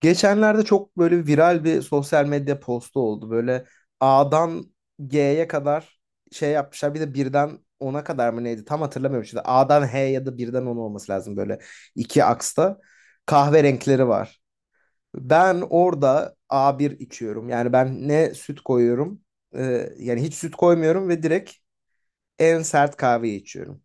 Geçenlerde çok böyle viral bir sosyal medya postu oldu. Böyle A'dan G'ye kadar şey yapmışlar. Bir de 1'den 10'a kadar mı neydi? Tam hatırlamıyorum şimdi. A'dan H ya da 1'den 10 olması lazım böyle iki aksta. Kahve renkleri var. Ben orada A1 içiyorum. Yani ben ne süt koyuyorum, yani hiç süt koymuyorum ve direkt en sert kahveyi içiyorum.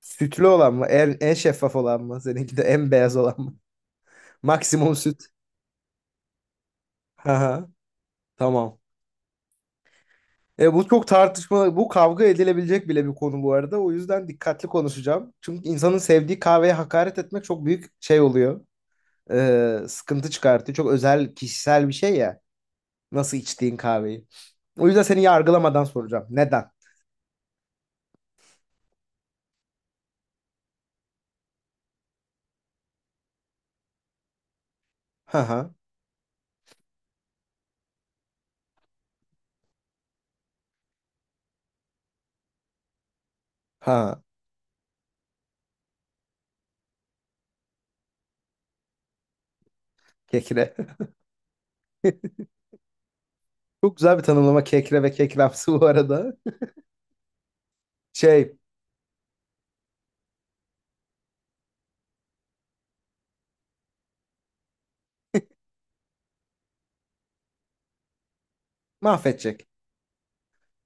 Sütlü olan mı? En şeffaf olan mı? Seninki de en beyaz olan mı? Maksimum süt. Haha. Tamam. Bu çok tartışma, bu kavga edilebilecek bile bir konu bu arada. O yüzden dikkatli konuşacağım. Çünkü insanın sevdiği kahveye hakaret etmek çok büyük şey oluyor. Sıkıntı çıkartıyor. Çok özel, kişisel bir şey ya. Nasıl içtiğin kahveyi. O yüzden seni yargılamadan soracağım. Neden? Ha ha. Ha. Kekre. Çok güzel bir tanımlama kekre ve kekremsi bu arada. Şey, mahvedecek.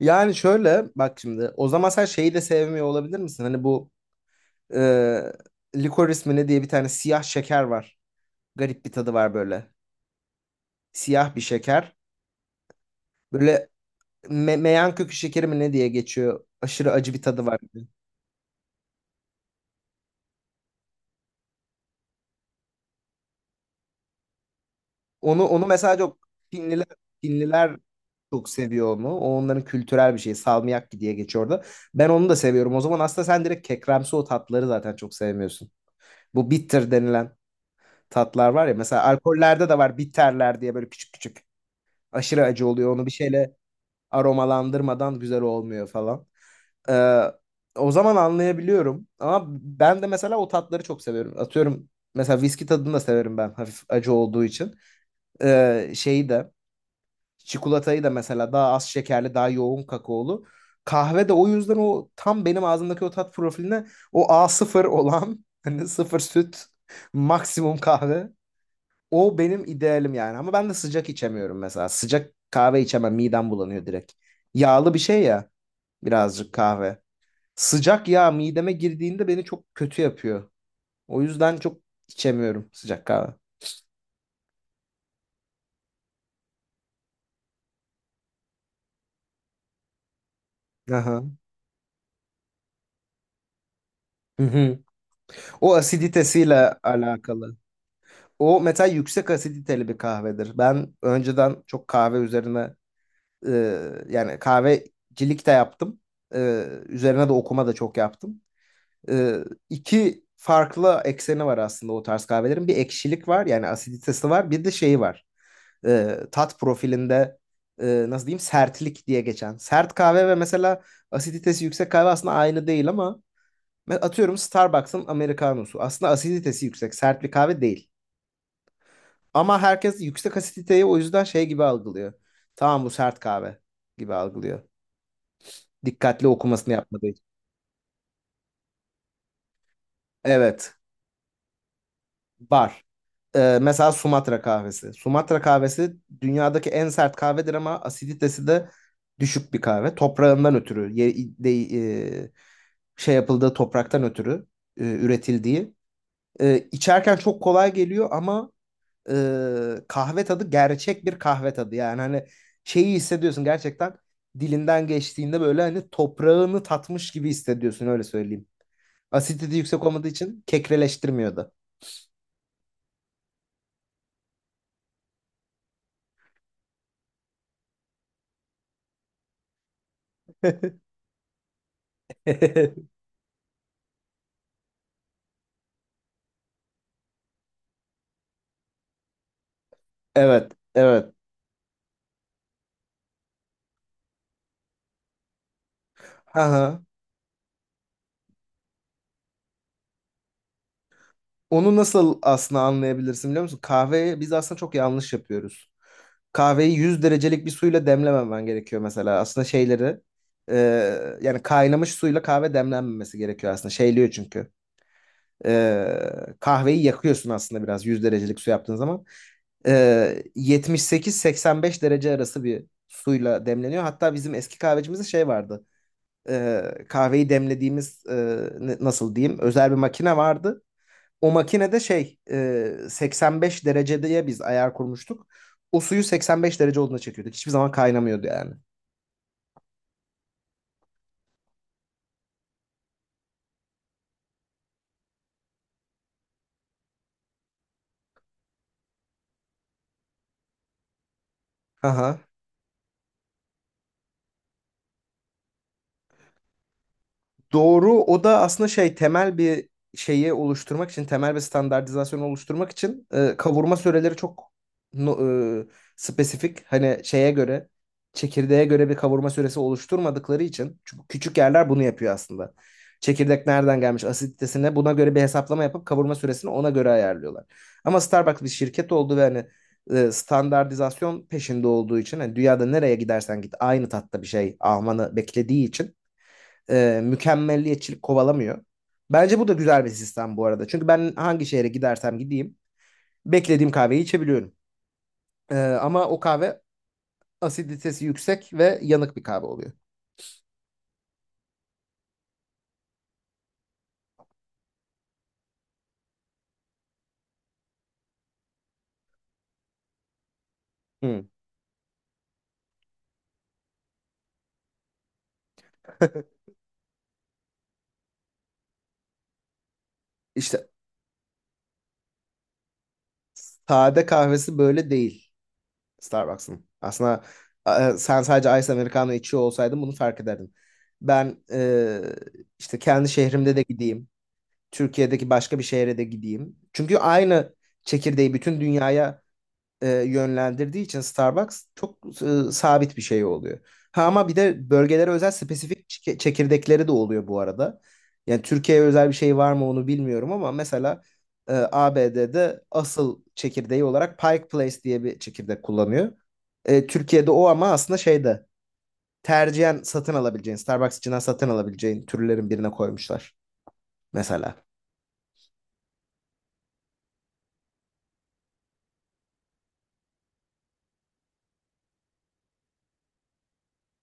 Yani şöyle bak şimdi. O zaman sen şeyi de sevmiyor olabilir misin? Hani bu e, licorice mi ne diye bir tane siyah şeker var. Garip bir tadı var böyle. Siyah bir şeker. Böyle meyan kökü şekeri mi ne diye geçiyor. Aşırı acı bir tadı var. Onu mesela çok Çinliler çok seviyor onu. O onların kültürel bir şeyi Salmiakki diye geçiyor orada. Ben onu da seviyorum. O zaman aslında sen direkt kekremsi o tatları zaten çok sevmiyorsun. Bu bitter denilen tatlar var ya. Mesela alkollerde de var bitterler diye böyle küçük küçük. Aşırı acı oluyor. Onu bir şeyle aromalandırmadan güzel olmuyor falan. Ee, o zaman anlayabiliyorum. Ama ben de mesela o tatları çok seviyorum. Atıyorum mesela viski tadını da severim ben hafif acı olduğu için. Şeyi de çikolatayı da mesela daha az şekerli daha yoğun kakaolu. Kahve de o yüzden o tam benim ağzımdaki o tat profiline o a sıfır olan hani sıfır süt maksimum kahve. O benim idealim yani ama ben de sıcak içemiyorum mesela. Sıcak kahve içemem, midem bulanıyor direkt. Yağlı bir şey ya. Birazcık kahve. Sıcak yağ mideme girdiğinde beni çok kötü yapıyor. O yüzden çok içemiyorum sıcak kahve. Aha. Hı hı. O asiditesiyle alakalı. O mesela yüksek asiditeli bir kahvedir. Ben önceden çok kahve üzerine e, yani kahvecilik de yaptım. E, üzerine de okuma da çok yaptım. E, iki farklı ekseni var aslında o tarz kahvelerin. Bir ekşilik var yani asiditesi var. Bir de şeyi var. Tat profilinde nasıl diyeyim sertlik diye geçen. Sert kahve ve mesela asiditesi yüksek kahve aslında aynı değil ama atıyorum Starbucks'ın Americano'su. Aslında asiditesi yüksek, sert bir kahve değil. Ama herkes yüksek asiditeyi o yüzden şey gibi algılıyor. Tamam, bu sert kahve gibi algılıyor. Dikkatli okumasını yapmadığı için. Evet, var. Mesela Sumatra kahvesi. Sumatra kahvesi dünyadaki en sert kahvedir ama asiditesi de düşük bir kahve. Toprağından ötürü, şey yapıldığı topraktan ötürü üretildiği. E, içerken çok kolay geliyor ama kahve tadı, gerçek bir kahve tadı. Yani hani şeyi hissediyorsun gerçekten, dilinden geçtiğinde böyle hani toprağını tatmış gibi hissediyorsun, öyle söyleyeyim. Asidite yüksek olmadığı için kekreleştirmiyordu. Evet, evet. Ha ha. Onu nasıl aslında anlayabilirsin biliyor musun? Kahveyi biz aslında çok yanlış yapıyoruz. Kahveyi 100 derecelik bir suyla demlememen gerekiyor mesela. Aslında şeyleri e, yani kaynamış suyla kahve demlenmemesi gerekiyor aslında. Şeyliyor çünkü. Kahveyi yakıyorsun aslında biraz, 100 derecelik su yaptığın zaman. E, 78-85 derece arası bir suyla demleniyor. Hatta bizim eski kahvecimizde şey vardı. Kahveyi demlediğimiz nasıl diyeyim, özel bir makine vardı. O makinede şey, 85 dereceye biz ayar kurmuştuk. O suyu 85 derece olduğuna çekiyorduk. Hiçbir zaman kaynamıyordu yani. Aha. Doğru. O da aslında şey, temel bir şeyi oluşturmak için, temel bir standartizasyonu oluşturmak için kavurma süreleri çok no- e, spesifik. Hani şeye göre, çekirdeğe göre bir kavurma süresi oluşturmadıkları için. Çünkü küçük yerler bunu yapıyor aslında. Çekirdek nereden gelmiş, asiditesine, buna göre bir hesaplama yapıp kavurma süresini ona göre ayarlıyorlar. Ama Starbucks bir şirket oldu ve hani standartizasyon peşinde olduğu için, hani dünyada nereye gidersen git aynı tatta bir şey almanı beklediği için mükemmelliyetçilik kovalamıyor. Bence bu da güzel bir sistem bu arada. Çünkü ben hangi şehre gidersem gideyim beklediğim kahveyi içebiliyorum. Ama o kahve asiditesi yüksek ve yanık bir kahve oluyor. Hı. İşte sade kahvesi böyle değil Starbucks'ın. Aslında sen sadece Ice Americano içiyor olsaydın bunu fark ederdin. Ben işte kendi şehrimde de gideyim. Türkiye'deki başka bir şehre de gideyim. Çünkü aynı çekirdeği bütün dünyaya yönlendirdiği için Starbucks çok sabit bir şey oluyor. Ha, ama bir de bölgelere özel spesifik çekirdekleri de oluyor bu arada. Yani Türkiye'ye özel bir şey var mı onu bilmiyorum ama mesela ABD'de asıl çekirdeği olarak Pike Place diye bir çekirdek kullanıyor. Türkiye'de o ama aslında şeyde, tercihen satın alabileceğin, Starbucks içinden satın alabileceğin türlerin birine koymuşlar. Mesela.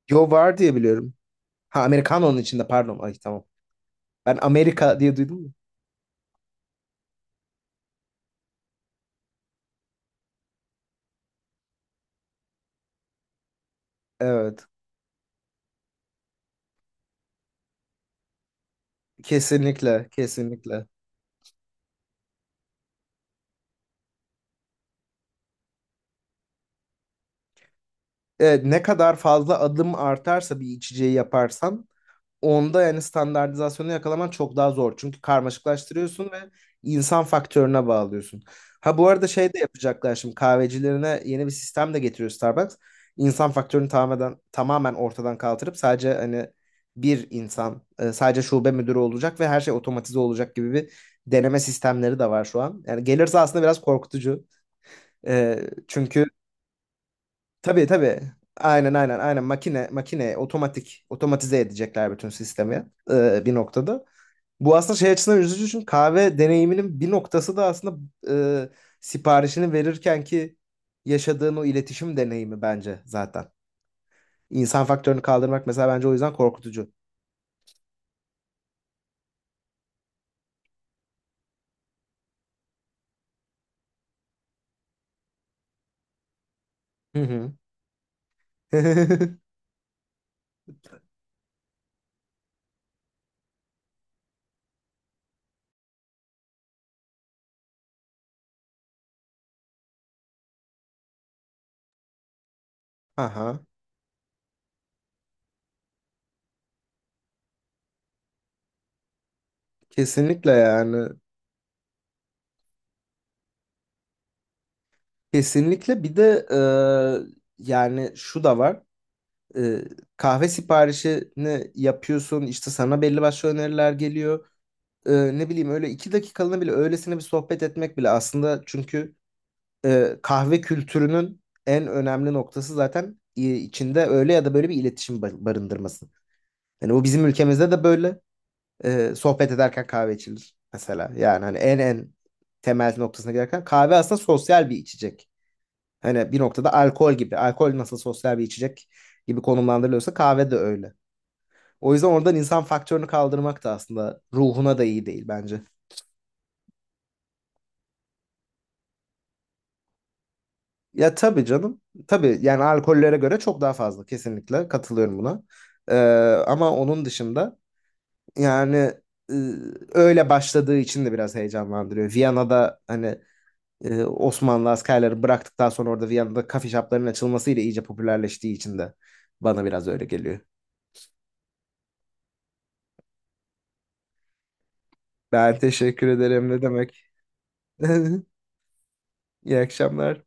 Yo, var diye biliyorum. Ha, Americano'nun içinde, pardon. Ay, tamam. Ben Amerika diye duydum mu? Evet. Kesinlikle. Kesinlikle. Evet, ne kadar fazla adım artarsa bir içeceği yaparsan, onda yani standartizasyonu yakalaman çok daha zor. Çünkü karmaşıklaştırıyorsun ve insan faktörüne bağlıyorsun. Ha, bu arada şey de yapacaklar şimdi, kahvecilerine yeni bir sistem de getiriyor Starbucks. İnsan faktörünü tamamen ortadan kaldırıp sadece hani bir insan, sadece şube müdürü olacak ve her şey otomatize olacak gibi bir deneme sistemleri de var şu an. Yani gelirse aslında biraz korkutucu. E, çünkü tabii, tabii. Aynen, aynen, aynen, makine makine otomatize edecekler bütün sistemi bir noktada. Bu aslında şey açısından üzücü, çünkü kahve deneyiminin bir noktası da aslında e, siparişini verirken ki yaşadığın o iletişim deneyimi bence zaten. İnsan faktörünü kaldırmak mesela bence o yüzden korkutucu. Hı hı. Aha, kesinlikle yani. Kesinlikle bir de yani şu da var. E, kahve siparişini yapıyorsun, işte sana belli başlı öneriler geliyor. E, ne bileyim, öyle 2 dakikalığına bile öylesine bir sohbet etmek bile aslında, çünkü kahve kültürünün en önemli noktası zaten içinde öyle ya da böyle bir iletişim barındırması. Yani bu bizim ülkemizde de böyle. Sohbet ederken kahve içilir mesela. Yani hani en temel noktasına giderken kahve aslında sosyal bir içecek. Hani bir noktada alkol gibi. Alkol nasıl sosyal bir içecek gibi konumlandırılıyorsa, kahve de öyle. O yüzden oradan insan faktörünü kaldırmak da aslında ruhuna da iyi değil bence. Ya tabii canım. Tabii, yani alkollere göre çok daha fazla, kesinlikle katılıyorum buna. Ee, ama onun dışında, yani e, öyle başladığı için de biraz heyecanlandırıyor. Viyana'da hani Osmanlı askerleri bıraktıktan sonra orada, Viyana'da kafe shop'ların açılmasıyla iyice popülerleştiği için de bana biraz öyle geliyor. Ben teşekkür ederim, ne demek. İyi akşamlar.